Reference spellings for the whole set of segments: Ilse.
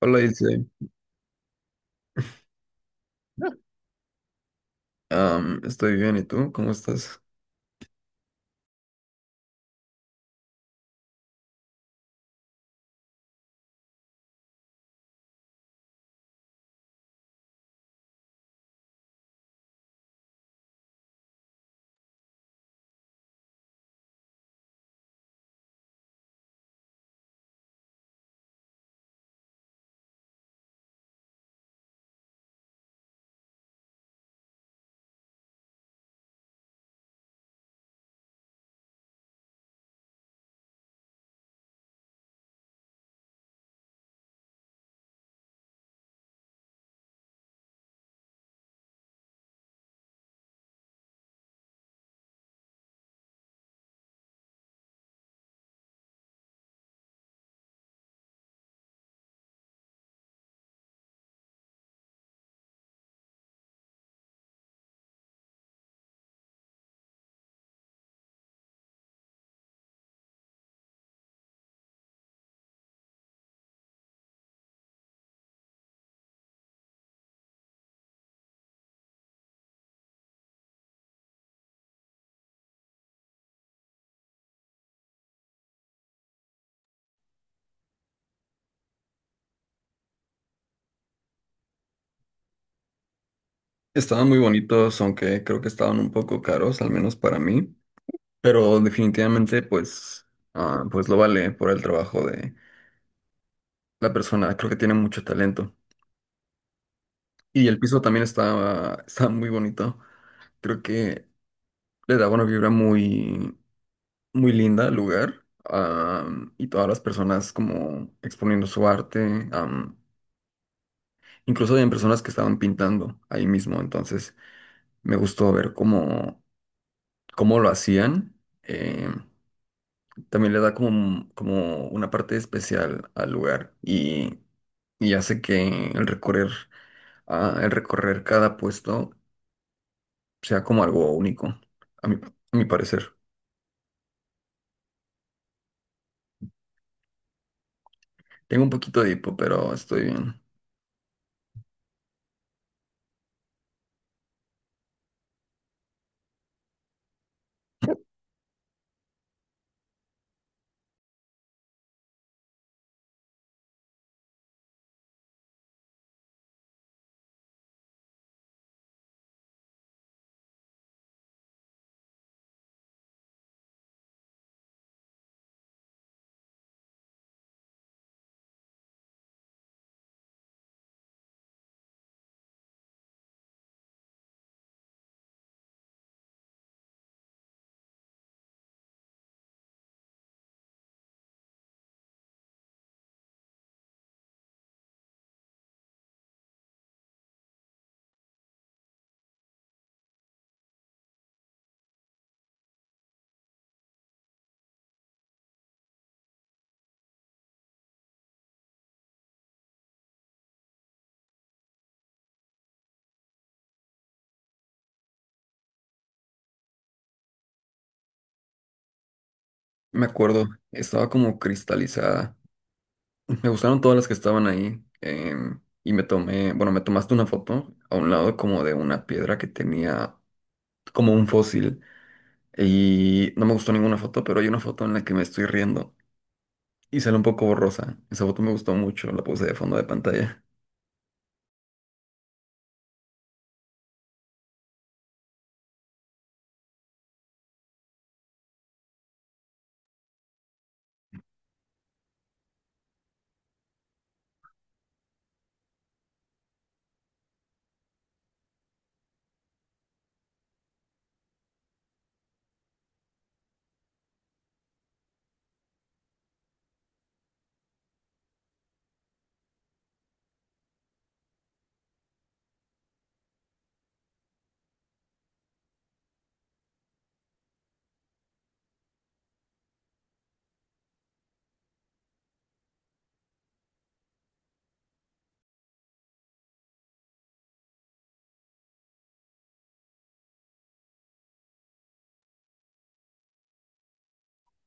Hola, Ilse. Estoy bien, ¿y tú? ¿Cómo estás? Estaban muy bonitos, aunque creo que estaban un poco caros, al menos para mí, pero definitivamente pues lo vale por el trabajo de la persona. Creo que tiene mucho talento. Y el piso también estaba muy bonito. Creo que le daba una vibra muy, muy linda al lugar. Y todas las personas como exponiendo su arte. Incluso había personas que estaban pintando ahí mismo, entonces me gustó ver cómo lo hacían, eh, también le da como una parte especial al lugar, y hace que el recorrer cada puesto sea como algo único, a mi, a mi parecer. Tengo un poquito de hipo, pero estoy bien. Me acuerdo, estaba como cristalizada. Me gustaron todas las que estaban ahí. Y me tomaste una foto a un lado como de una piedra que tenía como un fósil. Y no me gustó ninguna foto, pero hay una foto en la que me estoy riendo y sale un poco borrosa. Esa foto me gustó mucho, la puse de fondo de pantalla.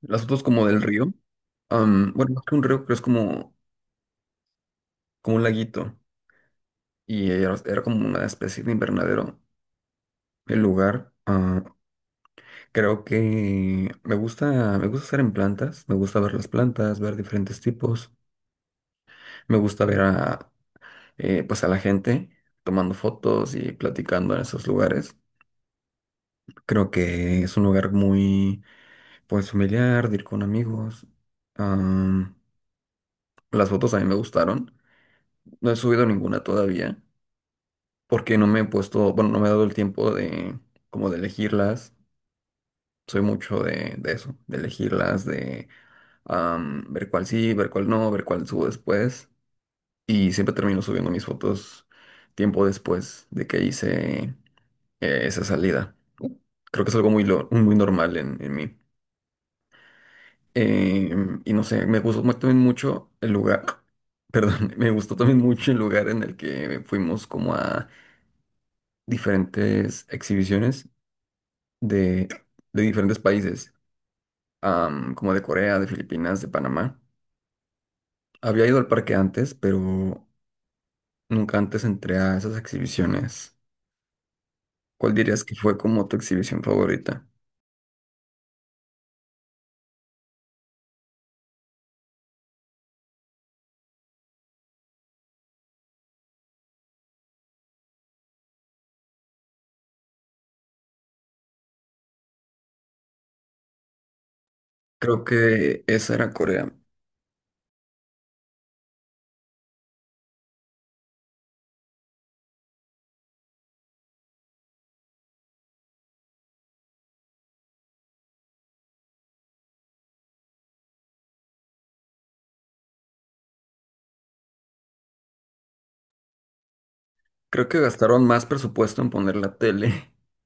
Las fotos como del río. Bueno, más que un río, como un laguito. Y era como una especie de invernadero el lugar. Creo que me gusta estar en plantas, me gusta ver las plantas, ver diferentes tipos, me gusta pues a la gente tomando fotos y platicando en esos lugares. Creo que es un lugar muy, pues familiar, de ir con amigos. Am, las fotos a mí me gustaron. No he subido ninguna todavía porque no me he puesto, bueno, no me he dado el tiempo de, como de elegirlas. Soy mucho de eso, de elegirlas, ver cuál sí, ver cuál no, ver cuál subo después. Y siempre termino subiendo mis fotos tiempo después de que hice esa salida. Creo que es algo muy normal en mí. Y no sé, también mucho el lugar, perdón, me gustó también mucho el lugar en el que fuimos como a diferentes exhibiciones de, de diferentes países, como de Corea, de Filipinas, de Panamá. Había ido al parque antes, pero nunca antes entré a esas exhibiciones. ¿Cuál dirías que fue como tu exhibición favorita? Creo que esa era Corea. Creo que gastaron más presupuesto en poner la tele.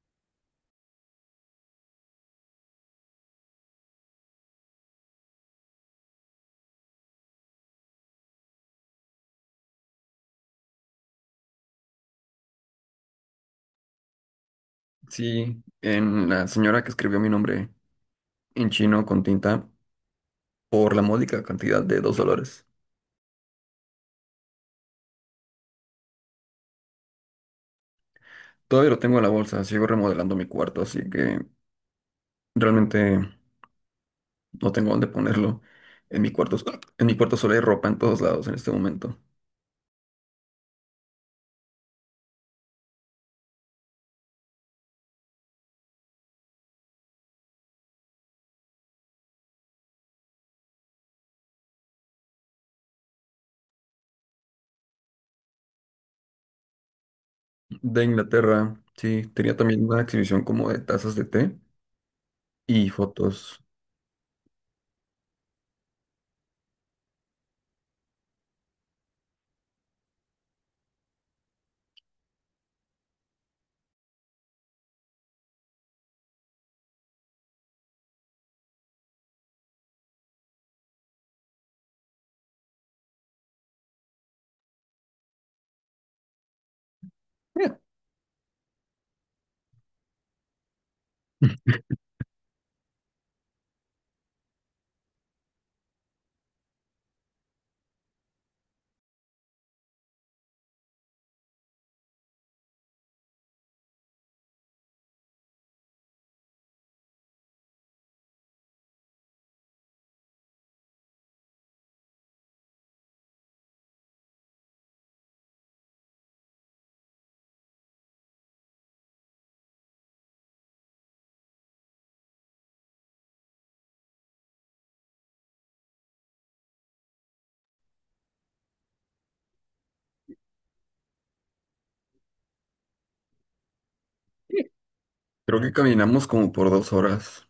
Sí, en la señora que escribió mi nombre en chino con tinta por la módica cantidad de $2. Todavía lo tengo en la bolsa, sigo remodelando mi cuarto, así que realmente no tengo dónde ponerlo. En mi cuarto, en mi cuarto solo hay ropa en todos lados en este momento. De Inglaterra, sí, tenía también una exhibición como de tazas de té y fotos. Eh, Creo que caminamos como por 2 horas.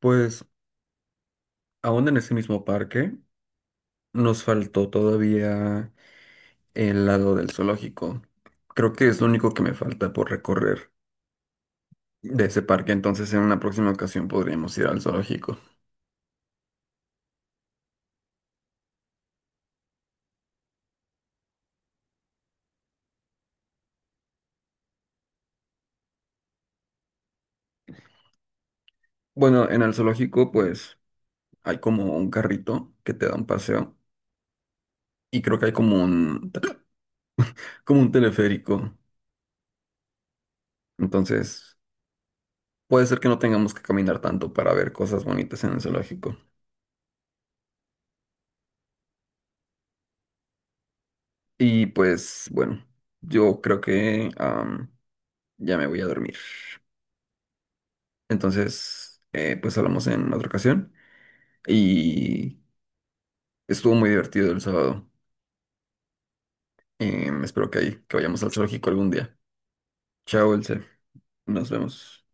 Pues aún en ese mismo parque nos faltó todavía el lado del zoológico. Creo que es lo único que me falta por recorrer de ese parque, entonces en una próxima ocasión podríamos ir al zoológico. Bueno, en el zoológico pues hay como un carrito que te da un paseo y creo que hay como un teleférico. Entonces puede ser que no tengamos que caminar tanto para ver cosas bonitas en el zoológico. Y pues bueno, yo creo que ya me voy a dormir. Entonces, pues hablamos en otra ocasión. Y estuvo muy divertido el sábado. Espero que vayamos al zoológico algún día. Chao, Elce. Nos vemos.